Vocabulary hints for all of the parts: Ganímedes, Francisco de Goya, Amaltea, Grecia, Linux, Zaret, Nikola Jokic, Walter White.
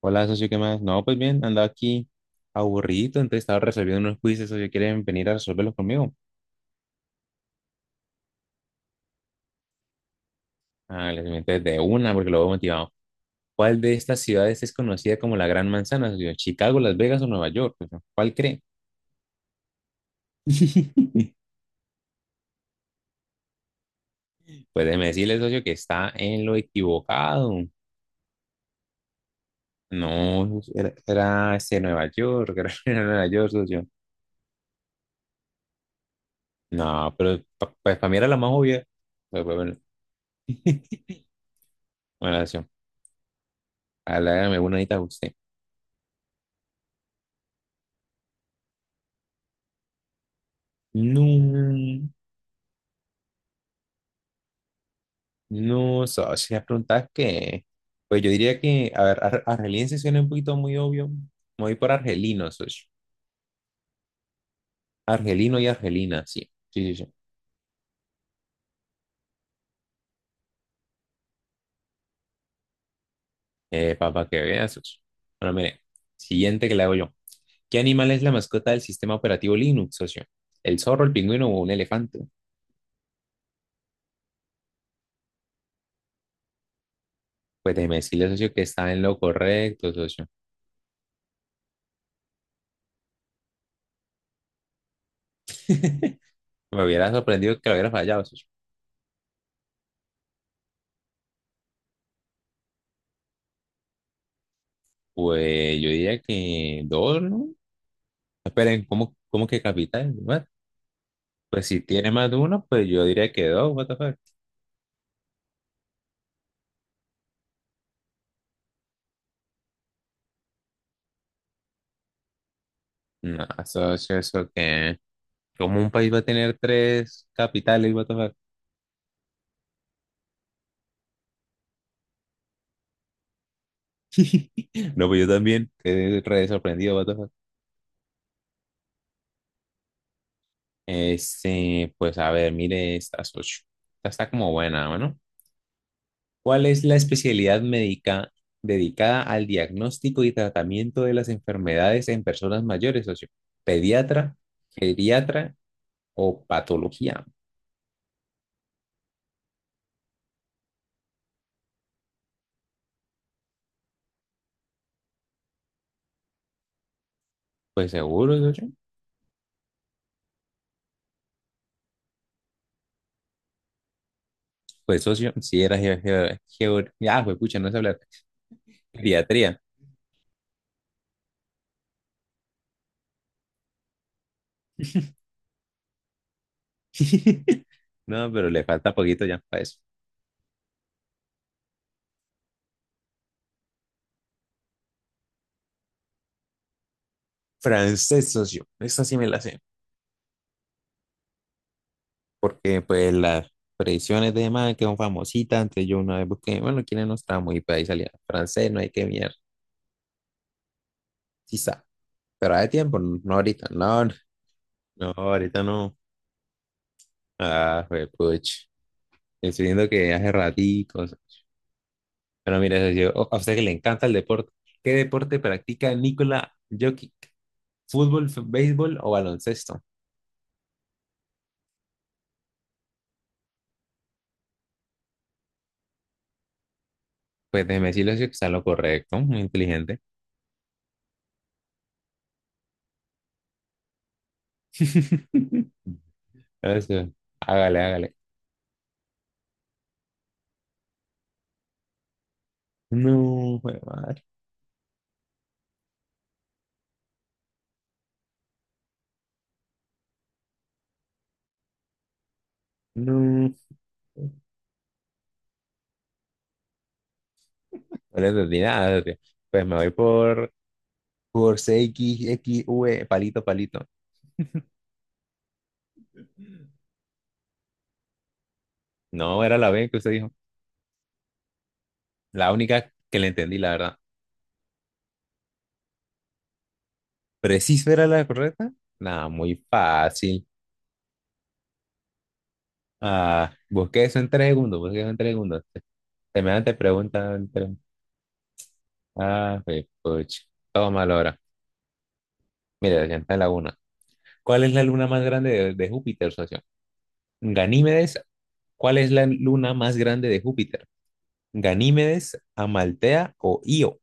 Hola, socio, ¿qué más? No, pues bien, andaba aquí aburrido, entonces estaba resolviendo unos quizzes, socio, ¿quieren venir a resolverlos conmigo? Ah, les meto de una porque lo veo motivado. ¿Cuál de estas ciudades es conocida como la Gran Manzana, socio? ¿Chicago, Las Vegas o Nueva York? Socio, ¿cuál cree? Pues déjeme decirle, socio, que está en lo equivocado. No, era Nueva York, era, Nueva York, socio. No, pues para mí era la más obvia. Pero bueno, bueno, socio, hágame una ahorita a usted. No. No, socio, si las preguntas que, pues yo diría que, a ver, argeliense suena un poquito muy obvio. Me voy por argelino, socio. Argelino y argelina, sí. Sí, sí, sí. Papá, que veas, socio. Bueno, mire, siguiente que le hago yo. ¿Qué animal es la mascota del sistema operativo Linux, socio? ¿El zorro, el pingüino o un elefante? Pues déjeme decirle, socio, que está en lo correcto, socio. Me hubiera sorprendido que lo hubiera fallado, socio. Pues yo diría que dos, ¿no? Esperen, ¿cómo que capital? ¿What? Pues si tiene más de uno, pues yo diría que dos, what the fuck. No, eso que... Como un país va a tener tres capitales, what the fuck. No, pues yo también, quedé re sorprendido, what the fuck. Este, pues a ver, mire estas ocho. Esta está como buena, bueno. ¿Cuál es la especialidad médica dedicada al diagnóstico y tratamiento de las enfermedades en personas mayores, socio? ¿Pediatra, geriatra o patología? Pues seguro, socio. Pues socio, sí, era ah, fue pucha, no sé hablar. Geriatría. No, pero le falta poquito ya para eso. Francés, socio. Esta sí me la sé. Porque pues las predicciones de más que son famositas. Antes yo una vez busqué, bueno, quiénes no estábamos y pues ahí salía. Francés, no hay que mirar. Quizá. Pero hay tiempo, no ahorita, no, no, no, ahorita no. Ah, fue pucha. Estoy viendo que hace raticos. Pero mira, socio, a usted que le encanta el deporte. ¿Qué deporte practica Nikola Jokic? ¿Fútbol, béisbol o baloncesto? Pues déjeme decirle si está en lo correcto, muy inteligente. Eso, hágale, hágale. No, jue madre, no. No le entendí nada, tío. Pues por C x x CXXV, palito, palito. No, era la B que usted dijo. La única que le entendí, la verdad. ¿Pero sí era la correcta? Nada, muy fácil. Ah, busqué eso en tres segundos, busqué eso en tres segundos. Semejante pregunta. En tres- Ah, pues, puch. Todo mal ahora. Mira, ya está en la una. ¿Cuál es la luna más grande de Júpiter, socio? Ganímedes. ¿Cuál es la luna más grande de Júpiter? Ganímedes, Amaltea o Io.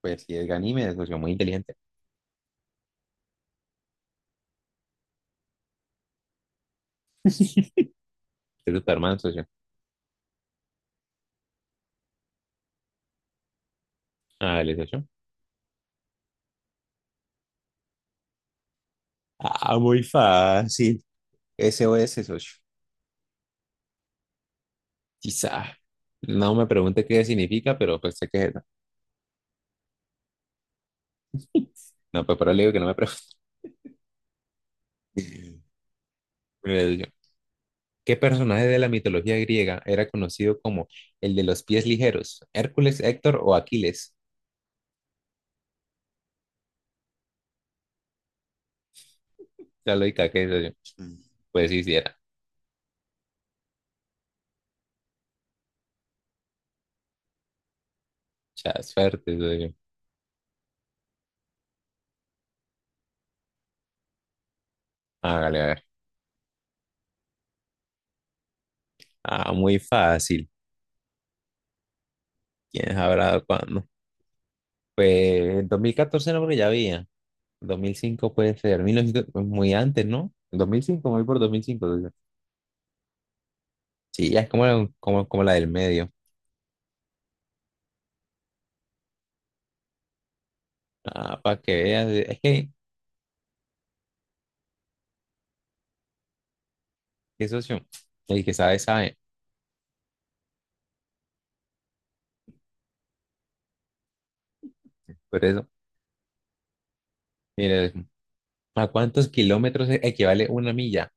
Pues si es Ganímedes, socio, muy inteligente. Es Superman, socio. Ah, ¿le socio? Ah, muy fácil. SOS, socio. Quizá. No me pregunte qué significa, pero pues sé que es eso. No, pues por ahora le digo que no me pregunte. Mire, socio, ¿qué personaje de la mitología griega era conocido como el de los pies ligeros? ¿Hércules, Héctor o Aquiles? La lógica que eso yo. Mm. Pues hiciera. Ya, suerte, eso yo. Hágale, a ver. Ah, muy fácil. ¿Quién sabrá cuándo? Pues en 2014 no, porque ya había. Dos mil cinco puede ser. 1900, pues, muy antes, ¿no? Dos mil cinco, voy por 2005, socio. Sí, ya es como la, como, como la del medio. Ah, para que veas. Es que, qué socio. El que sabe, sabe. Por eso, mire, ¿a cuántos kilómetros equivale una milla?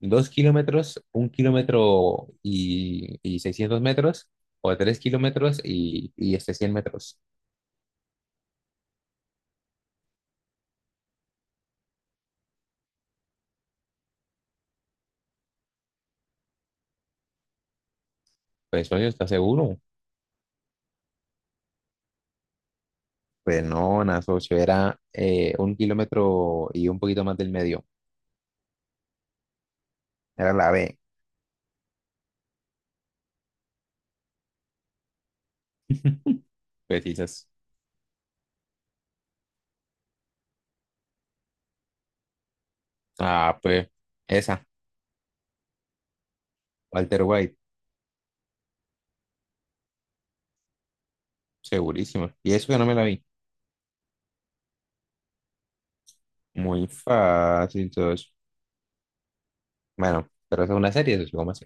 Dos kilómetros, un kilómetro y 600 metros, o tres kilómetros y 100 metros. Pues, socio, ¿estás seguro? Pues no, nada, socio, era un kilómetro y un poquito más del medio. Era la B. Pues quizás. Ah, pues esa, Walter White, segurísimo. Y eso que no me la vi. Muy fácil, socio. Bueno, pero esa es una serie, socio, ¿cómo así?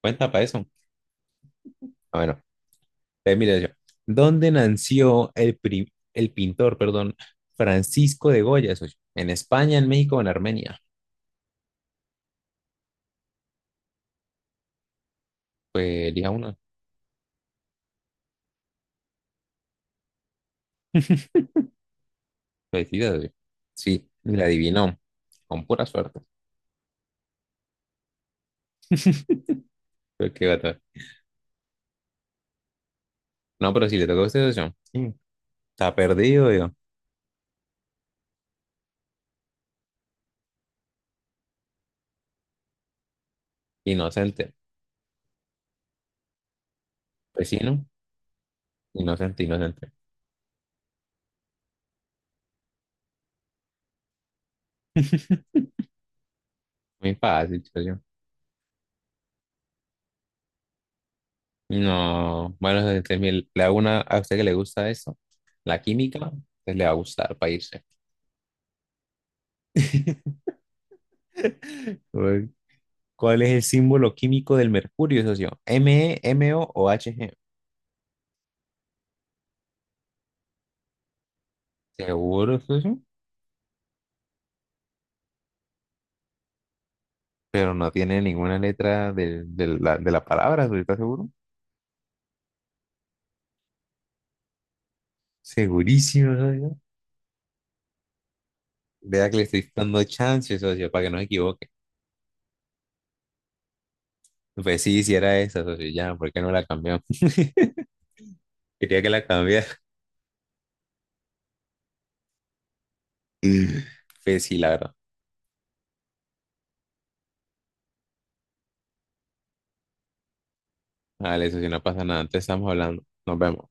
Cuenta para eso. Ah, bueno, eh, mira yo. ¿Dónde nació el, el pintor, perdón, Francisco de Goya, socio? ¿En España, en México o en Armenia? Pues elija una. Felicidades, socio. Sí, la adivinó. Con pura suerte. Pero qué gata. No, pero si le toca a usted, socio. Sí, está perdido, yo. Inocente. Pues sí, ¿no? Inocente, inocente. Muy fácil, socio. No. Bueno, socio, entonces, mire, le hago una a usted que le gusta eso. La química, pues le va a gustar para irse. Ok, ¿cuál es el símbolo químico del mercurio, socio? M, M, O o H, G. ¿Seguro, socio? Pero no tiene ninguna letra de la palabra, socio, ¿estás seguro? Segurísimo, socio. Vea que le estoy dando chance, socio, para que no se equivoque. Pues sí, si era esa, socio, ya, ¿por qué no la cambió? Quería que la cambiara. Pues sí, la verdad. Vale, socio, no pasa nada, entonces estamos hablando. Nos vemos.